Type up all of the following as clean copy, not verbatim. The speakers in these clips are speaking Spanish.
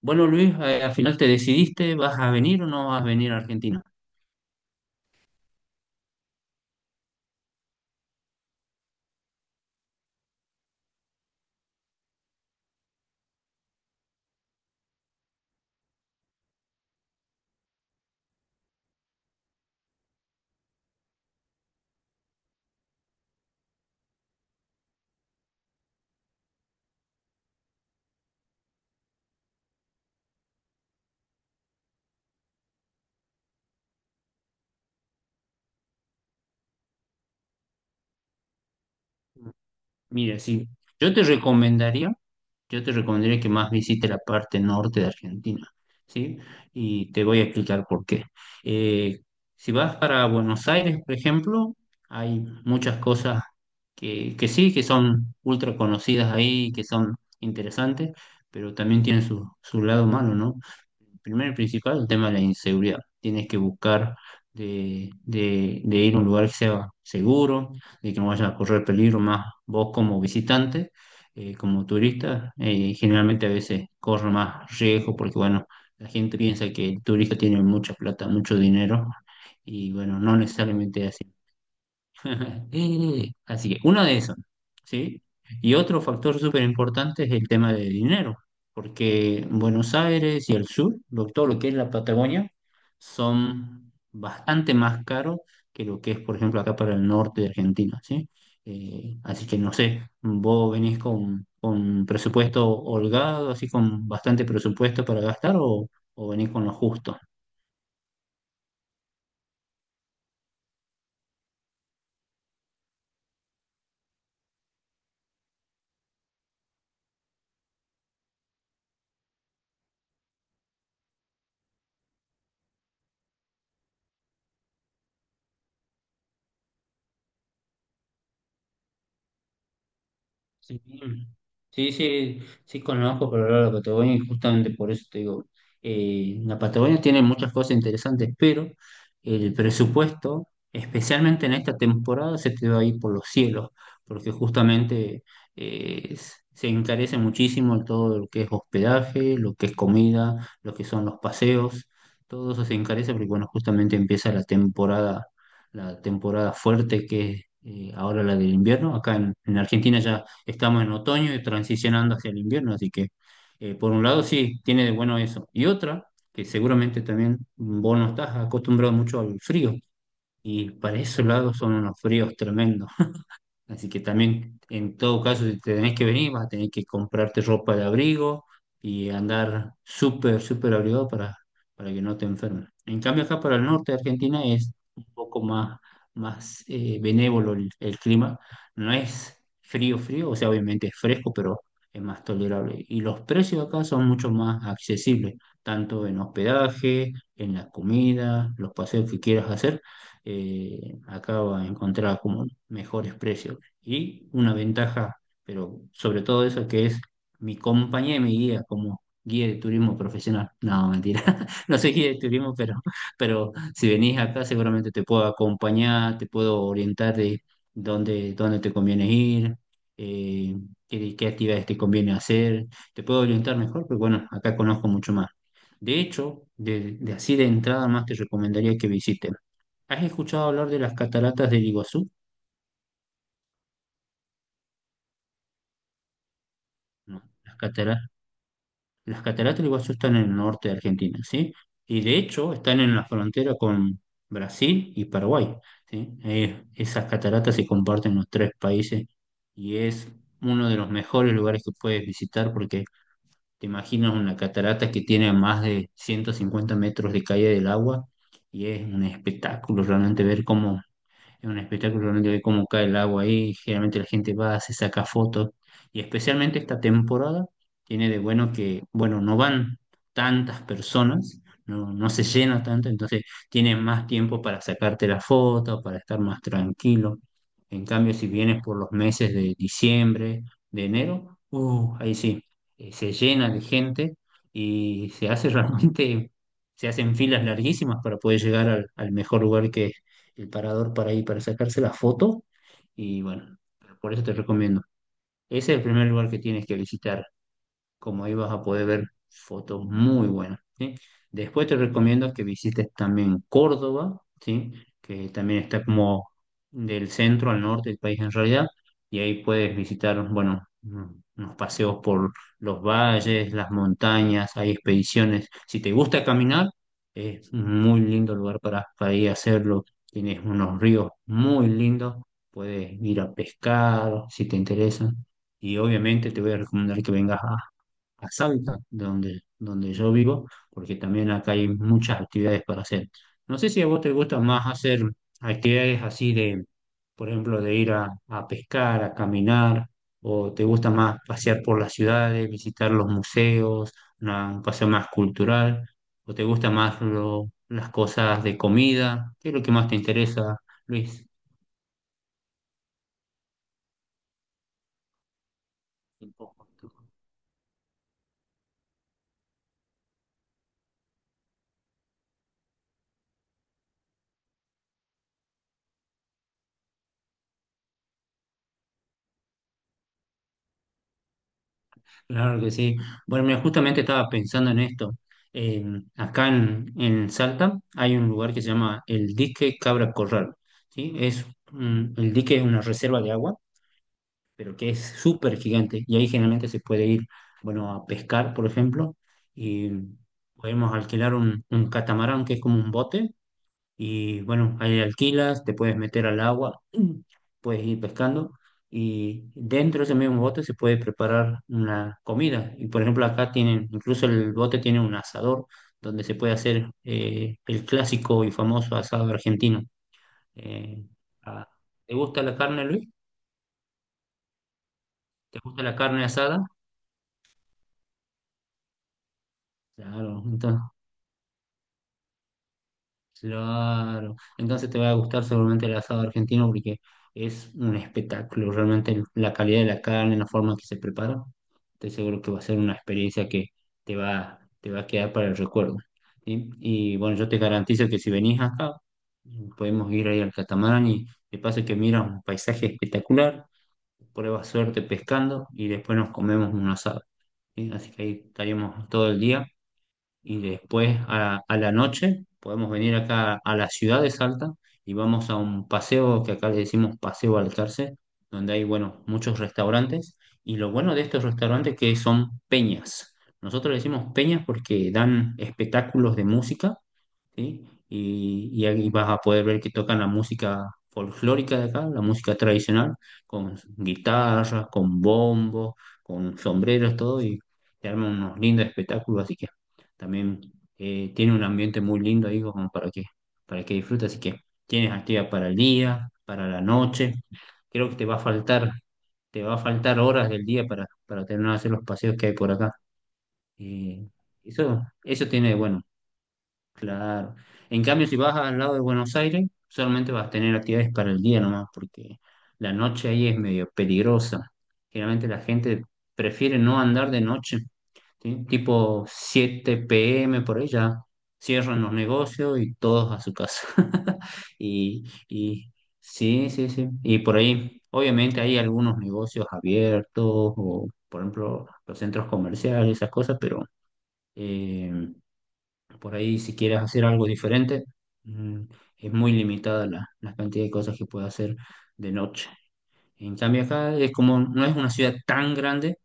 Bueno, Luis, al final te decidiste, ¿vas a venir o no vas a venir a Argentina? Mira, sí, yo te recomendaría, yo te recomendaría que más visites la parte norte de Argentina, ¿sí? Y te voy a explicar por qué. Eh, si vas para Buenos Aires, por ejemplo, hay muchas cosas que sí, que son ultra conocidas ahí, que son interesantes, pero también tienen su lado malo, ¿no? Primero y principal, el tema de la inseguridad. Tienes que buscar de ir a un lugar que sea seguro, de que no vayas a correr peligro más vos como visitante, como turista. Generalmente a veces corre más riesgo porque, bueno, la gente piensa que el turista tiene mucha plata, mucho dinero y, bueno, no necesariamente es así. Así que uno de esos, ¿sí? Y otro factor súper importante es el tema de dinero, porque Buenos Aires y el sur, todo lo que es la Patagonia, son bastante más caros que lo que es, por ejemplo, acá para el norte de Argentina, ¿sí? Así que no sé, vos venís con presupuesto holgado, así con bastante presupuesto para gastar o venís con lo justo. Sí, sí, sí, sí conozco, pero la Patagonia y justamente por eso te digo, la Patagonia tiene muchas cosas interesantes, pero el presupuesto, especialmente en esta temporada, se te va a ir por los cielos, porque justamente se encarece muchísimo todo lo que es hospedaje, lo que es comida, lo que son los paseos, todo eso se encarece porque, bueno, justamente empieza la temporada fuerte que es ahora la del invierno. Acá en Argentina ya estamos en otoño y transicionando hacia el invierno, así que por un lado sí, tiene de bueno eso. Y otra, que seguramente también vos no estás acostumbrado mucho al frío, y para esos lados son unos fríos tremendos. Así que también, en todo caso, si te tenés que venir, vas a tener que comprarte ropa de abrigo y andar súper, súper abrigado para que no te enfermes. En cambio, acá para el norte de Argentina es un poco más benévolo el clima. No es frío, frío, o sea, obviamente es fresco, pero es más tolerable. Y los precios acá son mucho más accesibles, tanto en hospedaje, en la comida, los paseos que quieras hacer. Acá vas a encontrar como mejores precios y una ventaja, pero sobre todo eso, que es mi compañía y mi guía como guía de turismo profesional. No, mentira, no soy guía de turismo, pero si venís acá seguramente te puedo acompañar, te puedo orientar de dónde te conviene ir, eh, qué actividades te conviene hacer, te puedo orientar mejor, pero bueno, acá conozco mucho más. De hecho, de así de entrada más te recomendaría que visiten. ¿Has escuchado hablar de las cataratas del Iguazú? No, las cataratas del Iguazú están en el norte de Argentina, ¿sí? Y de hecho están en la frontera con Brasil y Paraguay, ¿sí? Esas cataratas se comparten en los tres países y es uno de los mejores lugares que puedes visitar porque te imaginas una catarata que tiene más de 150 metros de caída del agua y es un espectáculo realmente ver cómo cae el agua ahí. Generalmente la gente va, se saca fotos. Y especialmente esta temporada tiene de bueno que, bueno, no van tantas personas, no se llena tanto, entonces tienes más tiempo para sacarte la foto, para estar más tranquilo. En cambio, si vienes por los meses de diciembre, de enero, ahí sí, se llena de gente y se hace realmente, se hacen filas larguísimas para poder llegar al mejor lugar que el parador para ir, para sacarse la foto. Y bueno, por eso te recomiendo. Ese es el primer lugar que tienes que visitar como ahí vas a poder ver fotos muy buenas, ¿sí? Después te recomiendo que visites también Córdoba, ¿sí? Que también está como del centro al norte del país en realidad, y ahí puedes visitar, bueno, unos paseos por los valles, las montañas, hay expediciones. Si te gusta caminar, es un muy lindo lugar para ir a hacerlo. Tienes unos ríos muy lindos, puedes ir a pescar si te interesa. Y obviamente te voy a recomendar que vengas a Salta, donde yo vivo, porque también acá hay muchas actividades para hacer. No sé si a vos te gusta más hacer actividades así de, por ejemplo, de ir a pescar, a caminar, o te gusta más pasear por las ciudades, visitar los museos, un paseo más cultural, o te gusta más las cosas de comida. ¿Qué es lo que más te interesa, Luis? Un poco. Claro que sí. Bueno, mira, justamente estaba pensando en esto. Eh, Acá en Salta hay un lugar que se llama el Dique Cabra Corral, ¿sí? Es el dique es una reserva de agua, pero que es súper gigante y ahí generalmente se puede ir, bueno, a pescar, por ejemplo, y podemos alquilar un catamarán que es como un bote y bueno, ahí alquilas, te puedes meter al agua, puedes ir pescando y dentro de ese mismo bote se puede preparar una comida. Y por ejemplo, acá tienen, incluso el bote tiene un asador donde se puede hacer el clásico y famoso asado argentino. Eh, ah, ¿Te gusta la carne, Luis? ¿Te gusta la carne asada? Claro, entonces Claro, entonces te va a gustar seguramente el asado argentino porque es un espectáculo, realmente la calidad de la carne, la forma en que se prepara, estoy seguro que va a ser una experiencia que te va a quedar para el recuerdo. ¿Sí? Y bueno, yo te garantizo que si venís acá, podemos ir ahí al catamarán y de paso que miras un paisaje espectacular, pruebas suerte pescando y después nos comemos un asado. ¿Sí? Así que ahí estaríamos todo el día y después a la noche podemos venir acá a la ciudad de Salta y vamos a un paseo que acá le decimos Paseo Balcarce, donde hay, bueno, muchos restaurantes y lo bueno de estos restaurantes que son peñas. Nosotros le decimos peñas porque dan espectáculos de música, ¿sí? Y ahí vas a poder ver que tocan la música folclórica de acá, la música tradicional, con guitarras, con bombos, con sombreros, todo, y te arman unos lindos espectáculos, así que también tiene un ambiente muy lindo ahí como para que disfrutes, así que tienes actividad para el día, para la noche, creo que te va a faltar horas del día para terminar de hacer los paseos que hay por acá. Eh, eso tiene de bueno. Claro. En cambio, si vas al lado de Buenos Aires, solamente vas a tener actividades para el día nomás, porque la noche ahí es medio peligrosa. Generalmente la gente prefiere no andar de noche, ¿sí? Tipo 7 p.m. por ahí ya cierran los negocios y todos a su casa. Y sí, sí, sí. Y por ahí, obviamente hay algunos negocios abiertos o, por ejemplo, los centros comerciales, esas cosas, pero, eh, por ahí, si quieres hacer algo diferente, mm, es muy limitada la cantidad de cosas que puedes hacer de noche. En cambio, acá es como no es una ciudad tan grande,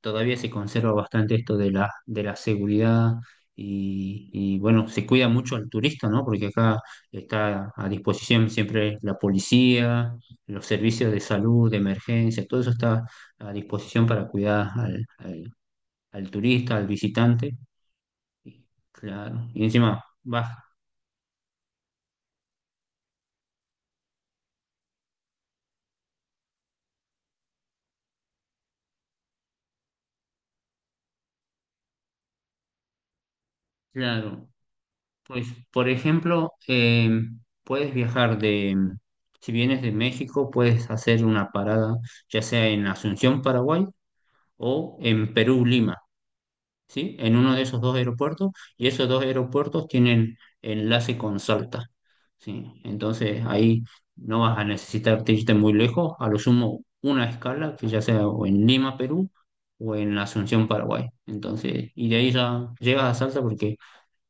todavía se conserva bastante esto de la seguridad y, bueno, se cuida mucho al turista, ¿no? Porque acá está a disposición siempre la policía, los servicios de salud, de emergencia, todo eso está a disposición para cuidar al turista, al visitante. Claro, y encima vas Claro, pues por ejemplo, puedes viajar si vienes de México, puedes hacer una parada ya sea en Asunción, Paraguay o en Perú, Lima, ¿sí? En uno de esos dos aeropuertos y esos dos aeropuertos tienen enlace con Salta, ¿sí? Entonces ahí no vas a necesitar irte muy lejos, a lo sumo una escala que ya sea o en Lima, Perú o en Asunción, Paraguay. Entonces, y de ahí ya llegas a Salta porque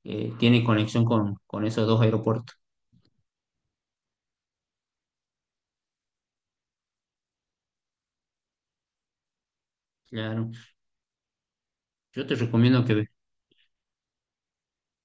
tiene conexión con esos dos aeropuertos. Claro. Yo te recomiendo que,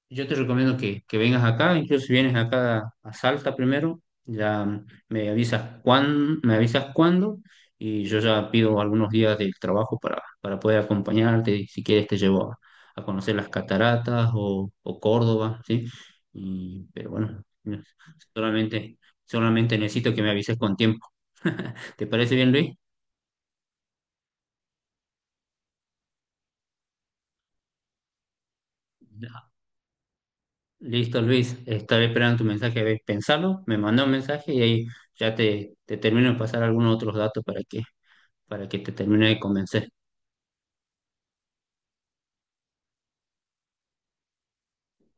yo te recomiendo que vengas acá, incluso si vienes acá a Salta primero, ya me avisas cuándo y yo ya pido algunos días del trabajo para poder acompañarte y si quieres te llevo a conocer las cataratas o Córdoba, ¿sí? Y, pero bueno, no, solamente, solamente necesito que me avises con tiempo. ¿Te parece bien, Luis? Listo, Luis. Estaba esperando tu mensaje. A ver, pensalo. Me mandó un mensaje y ahí ya te termino de pasar algunos otros datos para que te termine de convencer.